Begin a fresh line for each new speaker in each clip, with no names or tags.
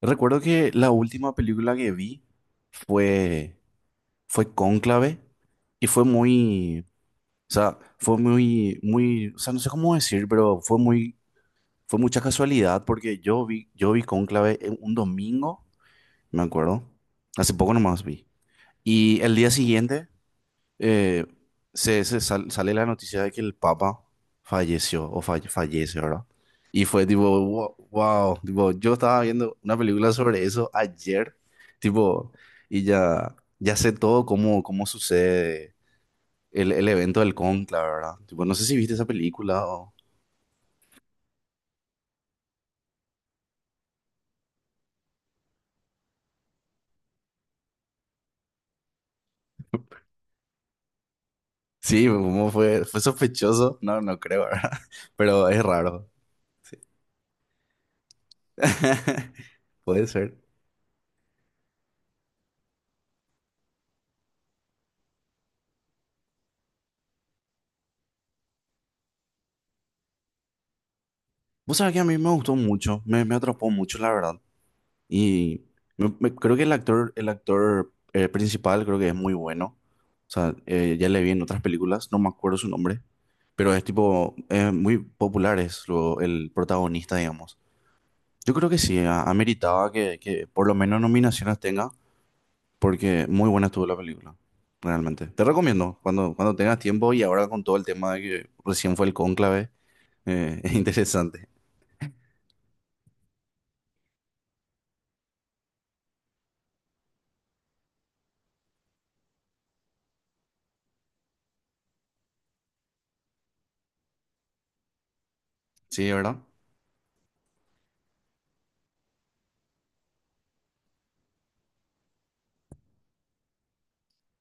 Recuerdo que la última película que vi fue, fue Cónclave y fue muy, o sea, no sé cómo decir, pero fue fue mucha casualidad porque yo vi Cónclave en un domingo, me acuerdo, hace poco nomás vi. Y el día siguiente eh, sale la noticia de que el Papa falleció o fallece, ¿verdad? Y fue tipo, wow, wow, tipo, yo estaba viendo una película sobre eso ayer, tipo, y ya, ya sé todo cómo sucede el evento del conclave, ¿verdad? Tipo, no sé si viste esa película o... Sí, como fue sospechoso, no creo, ¿verdad? Pero es raro. Sí. Puede ser. Vos sabés que a mí me gustó mucho, me atrapó mucho, la verdad. Y creo que el actor principal creo que es muy bueno. O sea, ya le vi en otras películas, no me acuerdo su nombre, pero es tipo, muy popular es lo, el protagonista, digamos. Yo creo que sí, ameritaba que por lo menos nominaciones tenga, porque muy buena estuvo la película, realmente. Te recomiendo, cuando tengas tiempo y ahora con todo el tema de que recién fue el cónclave, es interesante. Sí, ¿verdad?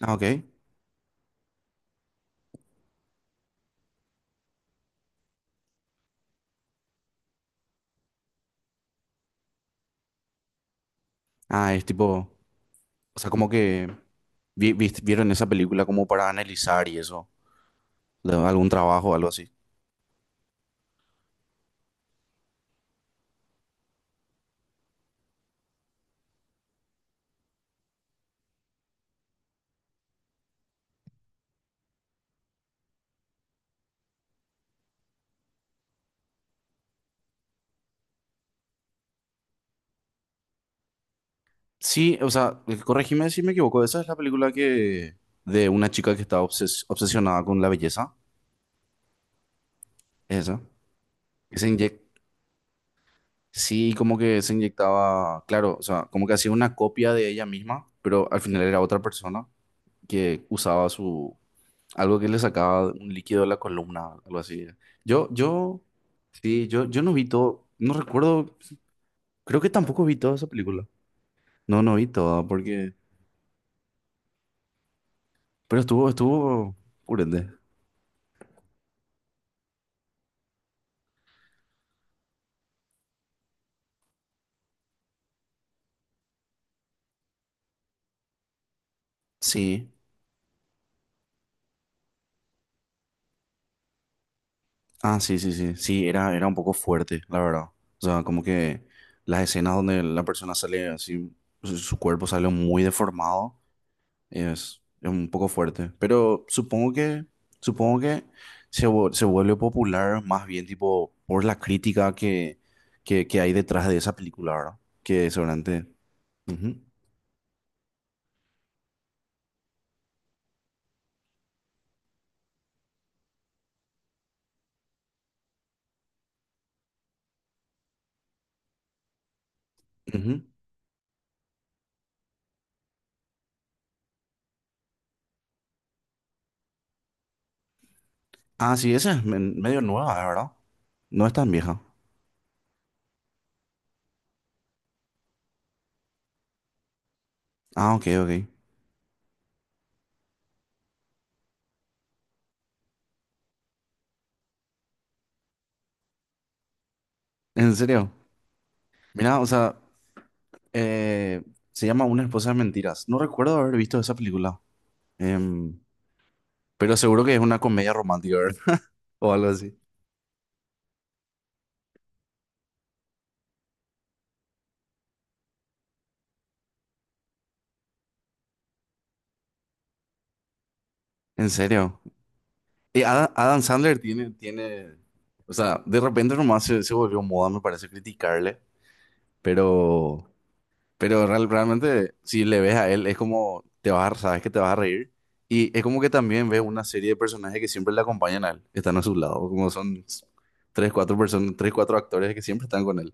Ah, ok. Ah, es tipo... O sea, como que vieron esa película como para analizar y eso, de algún trabajo o algo así. Sí, o sea, corregime si me equivoco, esa es la película que de una chica que está obsesionada con la belleza, ¿es esa, que sí, como que se inyectaba, claro, o sea, como que hacía una copia de ella misma, pero al final era otra persona que usaba su algo que le sacaba un líquido de la columna, algo así. Yo, yo, sí, yo no vi todo, no recuerdo. Creo que tampoco vi toda esa película. No, no vi toda porque... Pero estuvo... Purete. Sí. Ah, sí, sí, sí. Sí, era un poco fuerte, la verdad. O sea, como que las escenas donde la persona sale así, su cuerpo sale muy deformado, es un poco fuerte. Pero supongo que se vuelve popular más bien tipo por la crítica que hay detrás de esa película, ¿verdad? Que seguramente... Ujú, ujú. Ah, sí, esa es medio nueva, es verdad. No es tan vieja. Ah, ok, ok. En serio. Mira, o sea, eh, se llama Una esposa de mentiras. No recuerdo haber visto esa película. Em, pero seguro que es una comedia romántica, ¿verdad? O algo así. En serio. Y Adam Sandler tiene. O sea, de repente nomás se volvió moda, me parece, criticarle. Pero. Pero realmente, si le ves a él, es como te vas a, sabes que te vas a reír. Y es como que también ves una serie de personajes que siempre le acompañan a él, están a su lado, como tres, cuatro personas, tres, cuatro actores que siempre están con él.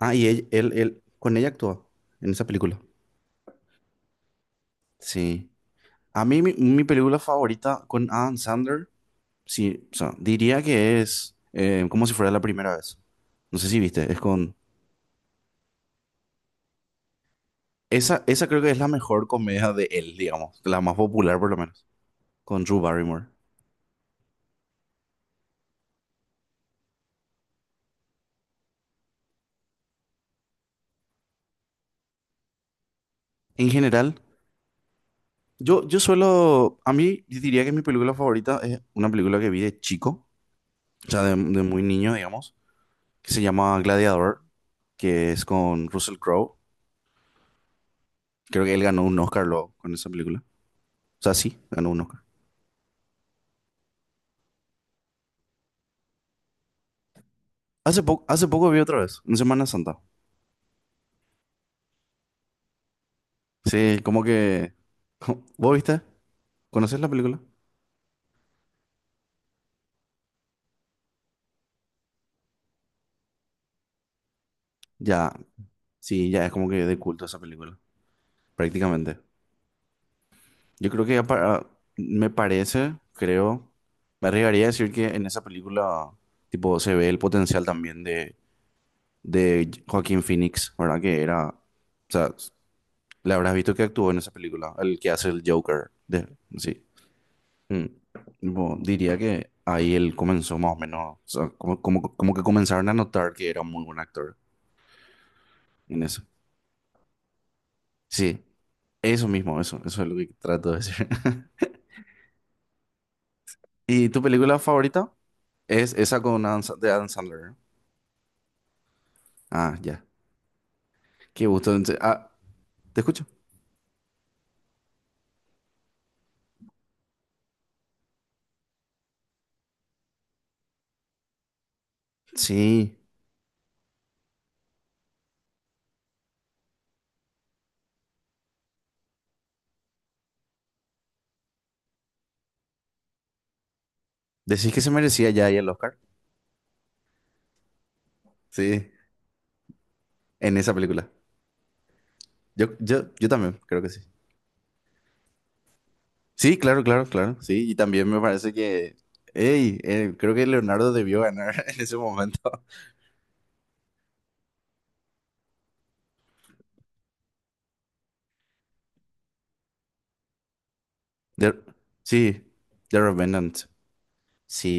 Ah, y él con ella actúa en esa película. Sí. A mi película favorita con Adam Sandler, sí, o sea, diría que es como si fuera la primera vez. No sé si viste, es con... esa creo que es la mejor comedia de él, digamos, la más popular por lo menos. Con Drew Barrymore. En general, yo suelo, a mí yo diría que mi película favorita es una película que vi de chico, o sea, de muy niño, digamos, que se llama Gladiador, que es con Russell Crowe. Creo que él ganó un Oscar luego con esa película. O sea, sí, ganó un Oscar. Hace poco vi otra vez, en Semana Santa. Sí, como que... ¿Vos viste? ¿Conoces la película? Ya, sí, ya es como que de culto esa película, prácticamente. Yo creo que ya para, me parece, creo, me arriesgaría a decir que en esa película, tipo, se ve el potencial también de Joaquín Phoenix, ¿verdad? Que era, o sea, le habrás visto que actuó en esa película, el que hace el Joker, de, sí. Mm. Tipo, diría que ahí él comenzó más o menos, o sea, como que comenzaron a notar que era un muy buen actor en eso. Sí, eso mismo, eso es lo que trato de decir. ¿Y tu película favorita? Es esa con de Adam Sandler. ¿Eh? Ah, ya. Qué gusto. Entonces, ah, ¿te escucho? Sí. ¿Decís que se merecía ya ahí el Oscar? Sí, en esa película. Yo también, creo que sí. Sí, claro, claro, claro. Sí, y también me parece que... Ey, creo que Leonardo debió ganar en ese momento. De- sí, The Revenant. Sí.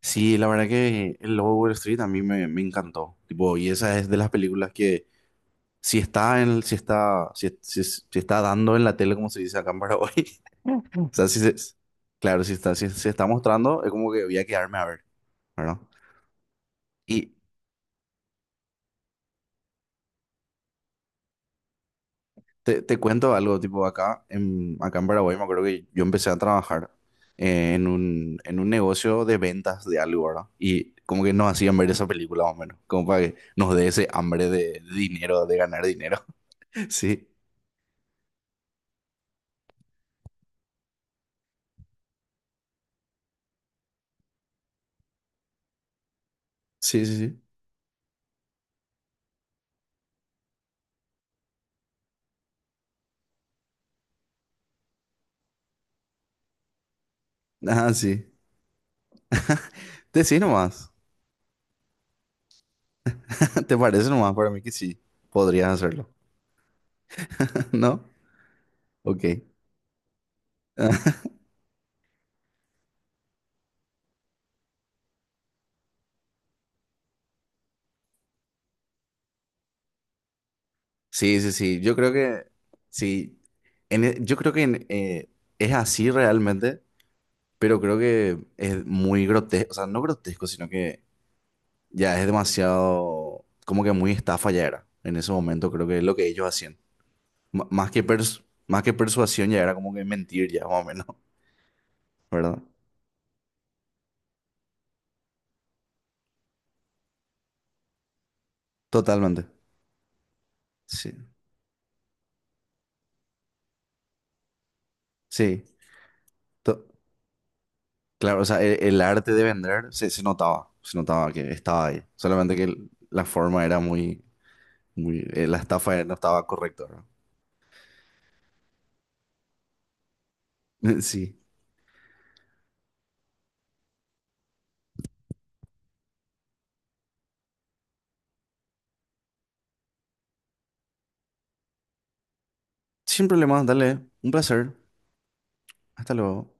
Sí, la verdad que el Lobo de Wall Street a me encantó. Tipo, y esa es de las películas que si está en, si está dando en la tele, como se dice acá en Paraguay. O sea, claro, sí está, sí se está mostrando, es como que voy a quedarme a ver, ¿verdad? Y te cuento algo, tipo, acá en Paraguay me acuerdo que yo empecé a trabajar en un negocio de ventas de algo, ¿verdad? Y como que nos hacían ver esa película más o menos, como para que nos dé ese hambre de dinero, de ganar dinero. Sí, sí, sí, sí. Ah, sí. Decí nomás. ¿Te parece nomás para mí que sí? Podrías hacerlo, ¿no? Ok. Sí, sí, sí. Yo creo que sí. Yo creo que en, es así realmente, pero creo que es muy grotesco. O sea, no grotesco, sino que ya es demasiado, como que muy estafa ya era. En ese momento creo que es lo que ellos hacían. Más que persuasión ya era como que mentir ya, más o menos, ¿verdad? Totalmente. Sí. Sí. To- claro, o sea, el arte de vender se notaba. Se notaba que estaba ahí. Solamente que la forma era muy muy, la estafa no estaba correcta, ¿no? Sí. Sin problemas, dale. Un placer. Hasta luego.